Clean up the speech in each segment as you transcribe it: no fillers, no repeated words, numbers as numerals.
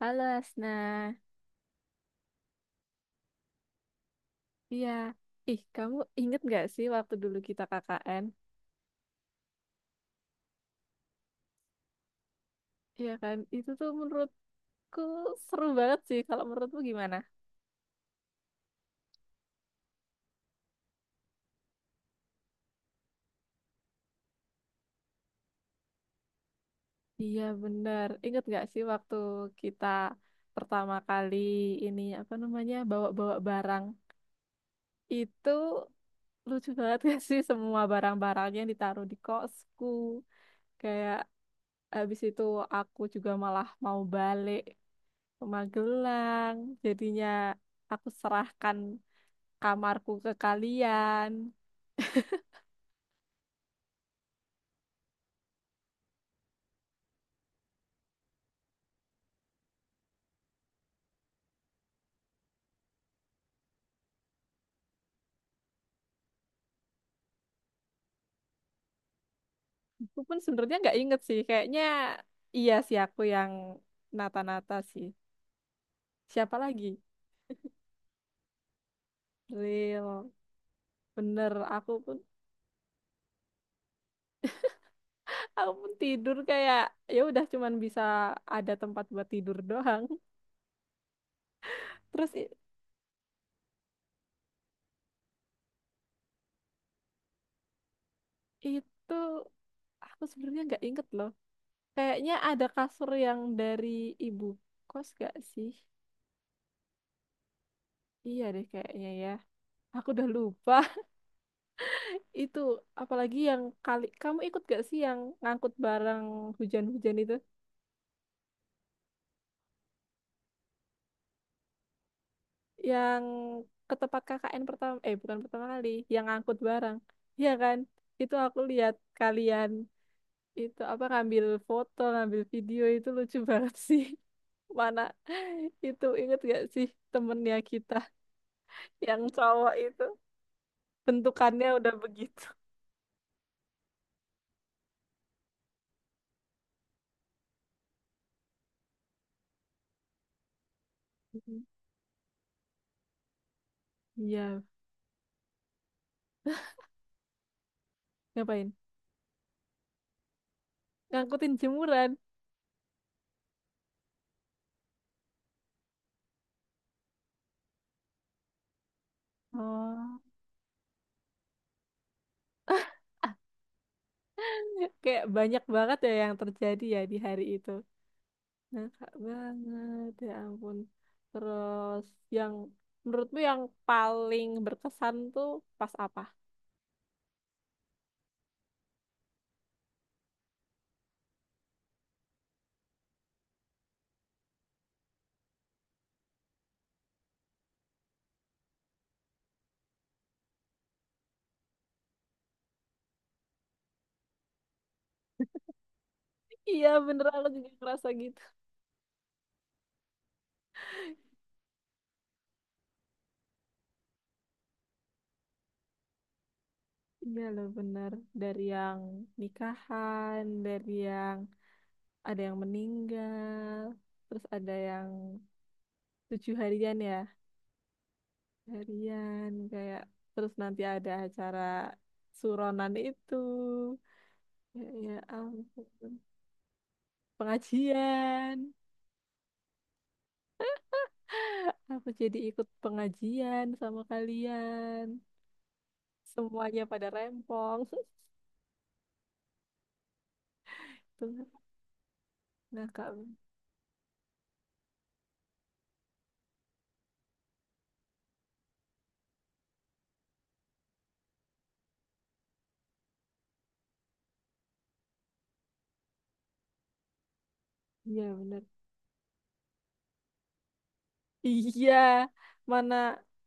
Halo Asna, iya. Ih, kamu inget gak sih waktu dulu kita KKN? Iya kan, itu tuh menurutku seru banget sih. Kalau menurutmu gimana? Iya bener, inget gak sih waktu kita pertama kali ini apa namanya bawa-bawa barang? Itu lucu banget gak sih semua barang-barangnya ditaruh di kosku. Kayak habis itu aku juga malah mau balik ke Magelang. Jadinya aku serahkan kamarku ke kalian. Aku pun sebenarnya nggak inget sih. Kayaknya iya sih aku yang nata-nata sih. Siapa lagi? Real. Bener, aku pun aku pun tidur kayak ya udah cuman bisa ada tempat buat tidur doang. Terus itu aku sebenarnya nggak inget loh. Kayaknya ada kasur yang dari ibu kos gak sih? Iya deh kayaknya ya. Aku udah lupa. Itu apalagi yang kali kamu ikut gak sih yang ngangkut barang hujan-hujan itu? Yang ke tempat KKN pertama eh bukan pertama kali, yang ngangkut barang. Ya kan? Itu aku lihat kalian itu apa ngambil foto, ngambil video itu lucu banget sih. Mana itu inget gak sih temennya kita yang cowok itu bentukannya udah begitu. Mhm. Iya, ngapain? Ngangkutin jemuran. Oh. Kayak banyak banget ya yang terjadi ya di hari itu. Ngakak banget, ya ampun. Terus yang menurutmu yang paling berkesan tuh pas apa? Iya bener aku juga ngerasa gitu. Iya loh bener. Dari yang nikahan, dari yang ada yang meninggal, terus ada yang tujuh harian ya. Harian kayak terus nanti ada acara suronan itu. Ya, ya ampun. Pengajian. Aku jadi ikut pengajian sama kalian. Semuanya pada rempong. Tuh. Nah, Kak. Iya, bener. Iya. Mana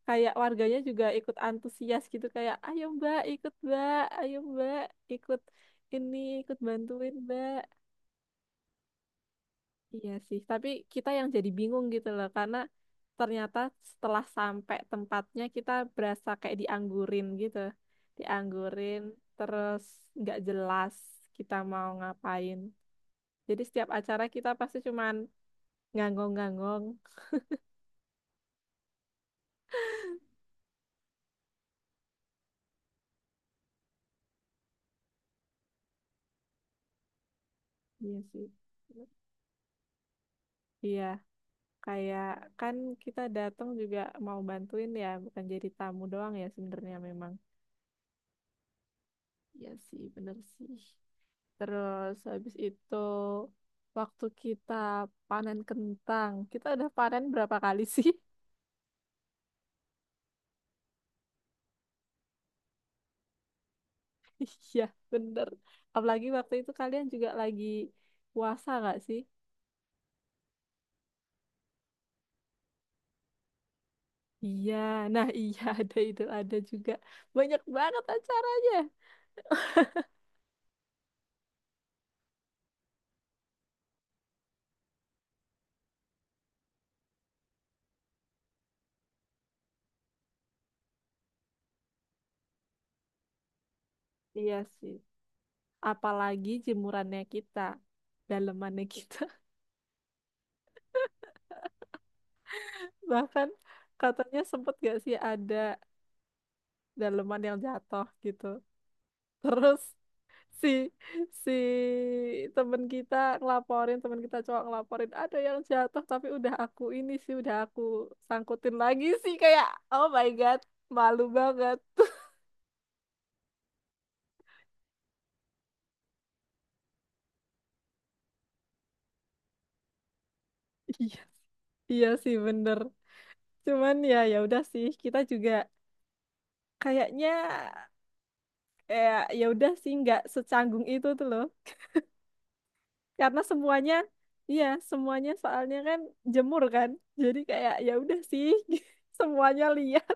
kayak warganya juga ikut antusias gitu. Kayak, ayo Mbak, ikut Mbak. Ayo Mbak, ikut ini, ikut bantuin Mbak. Iya sih, tapi kita yang jadi bingung gitu loh, karena ternyata setelah sampai tempatnya kita berasa kayak dianggurin gitu, dianggurin terus nggak jelas kita mau ngapain. Jadi setiap acara kita pasti cuman nganggong-nganggong. Iya sih. Iya, kayak kan kita datang juga mau bantuin ya, bukan jadi tamu doang ya sebenarnya memang. Iya sih, bener sih. Terus habis itu waktu kita panen kentang, kita udah panen berapa kali sih? Iya, bener. Apalagi waktu itu kalian juga lagi puasa nggak sih? Iya, nah iya ada Idul ada juga. Banyak banget acaranya. Iya sih. Apalagi jemurannya kita, dalemannya kita. Bahkan katanya sempet gak sih ada daleman yang jatuh gitu. Terus si si temen kita ngelaporin temen kita cowok ngelaporin ada yang jatuh tapi udah aku ini sih udah aku sangkutin lagi sih kayak oh my god malu banget. Iya, iya sih bener. Cuman ya ya udah sih kita juga kayaknya eh ya udah sih nggak secanggung itu tuh loh. Karena semuanya iya semuanya soalnya kan jemur kan. Jadi kayak ya udah sih semuanya liar.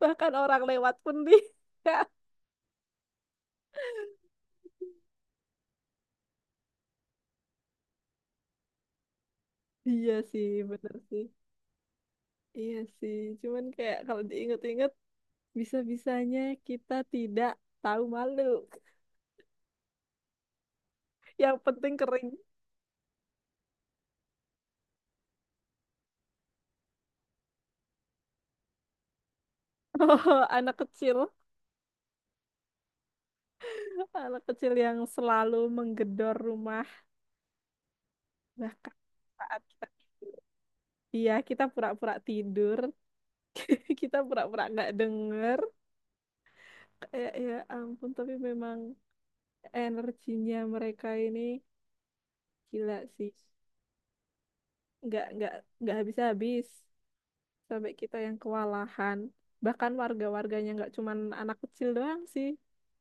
Bahkan orang lewat pun dia iya sih bener sih iya sih cuman kayak kalau diinget-inget bisa-bisanya kita tidak tahu malu. Yang penting kering. Oh, anak kecil yang selalu menggedor rumah bahkan saat kita tidur. Iya kita pura-pura tidur kita pura-pura nggak denger kayak ya ampun tapi memang energinya mereka ini gila sih. nggak nggak nggak habis-habis sampai kita yang kewalahan. Bahkan warga-warganya nggak cuman anak kecil doang sih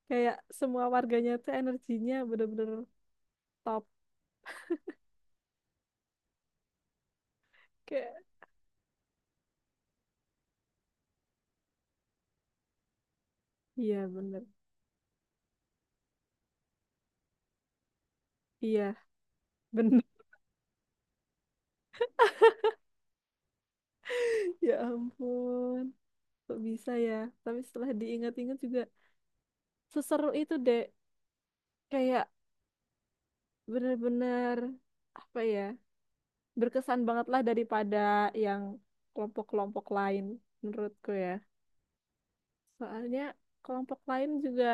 kayak semua warganya tuh energinya bener-bener top. Kayak iya bener iya bener. Ya ampun kok bisa ya tapi setelah diingat-ingat juga seseru itu deh kayak bener-bener apa ya berkesan banget lah daripada yang kelompok-kelompok lain menurutku ya. Soalnya kelompok lain juga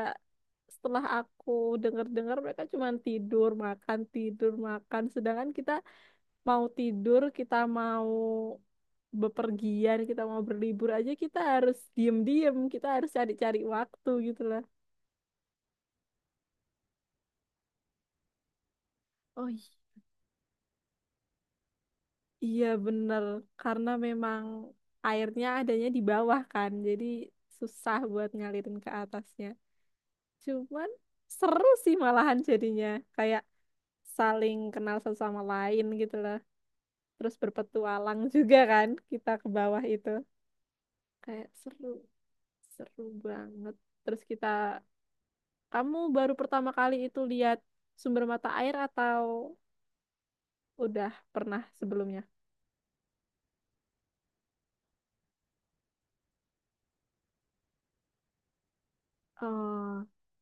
setelah aku dengar-dengar mereka cuma tidur, makan, tidur, makan. Sedangkan kita mau tidur, kita mau bepergian, kita mau berlibur aja kita harus diem-diem, kita harus cari-cari waktu gitu lah. Oh iya bener, karena memang airnya adanya di bawah kan, jadi susah buat ngalirin ke atasnya. Cuman seru sih malahan jadinya. Kayak saling kenal satu sama lain gitu loh. Terus berpetualang juga kan kita ke bawah itu. Kayak seru, seru banget. Terus kita, kamu baru pertama kali itu lihat sumber mata air atau udah pernah sebelumnya? Oh,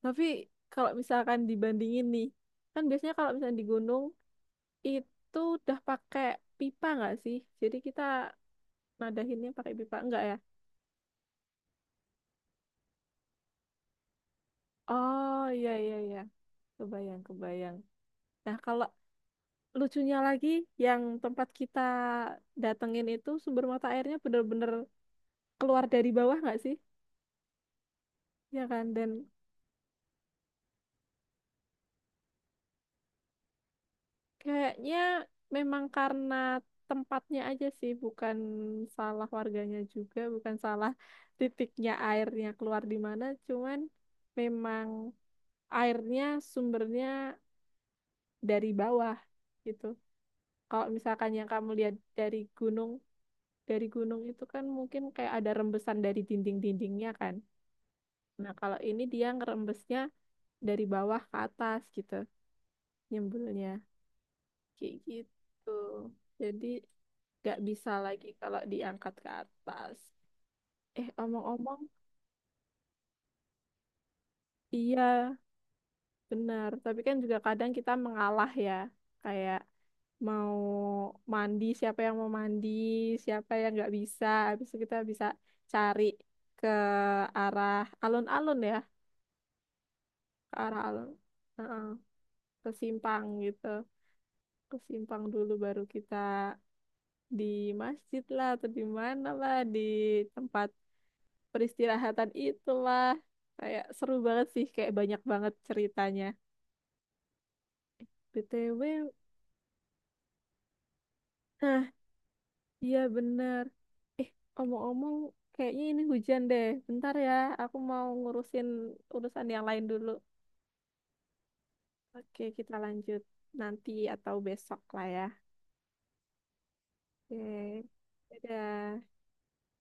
tapi kalau misalkan dibandingin nih, kan biasanya kalau misalnya di gunung itu udah pakai pipa nggak sih? Jadi kita nadahinnya pakai pipa nggak ya? Oh iya iya iya, kebayang kebayang. Nah, kalau lucunya lagi yang tempat kita datengin itu sumber mata airnya bener-bener keluar dari bawah nggak sih? Ya kan? Dan kayaknya memang karena tempatnya aja sih, bukan salah warganya juga, bukan salah titiknya airnya keluar di mana, cuman memang airnya sumbernya dari bawah gitu. Kalau misalkan yang kamu lihat dari gunung itu kan mungkin kayak ada rembesan dari dinding-dindingnya kan. Nah, kalau ini dia ngerembesnya dari bawah ke atas gitu, nyembulnya. Kayak gitu. Jadi gak bisa lagi kalau diangkat ke atas. Eh, omong-omong, iya benar. Tapi kan juga kadang kita mengalah ya. Kayak mau mandi, siapa yang mau mandi, siapa yang nggak bisa. Habis itu kita bisa cari ke arah alun-alun ya, ke arah alun, heeh, ke simpang gitu. Ke simpang dulu baru kita di masjid lah atau di mana lah di tempat peristirahatan itulah kayak seru banget sih kayak banyak banget ceritanya. BTW nah iya bener eh omong-omong kayaknya ini hujan deh bentar ya aku mau ngurusin urusan yang lain dulu. Oke kita lanjut nanti atau besok lah ya. Oke dadah.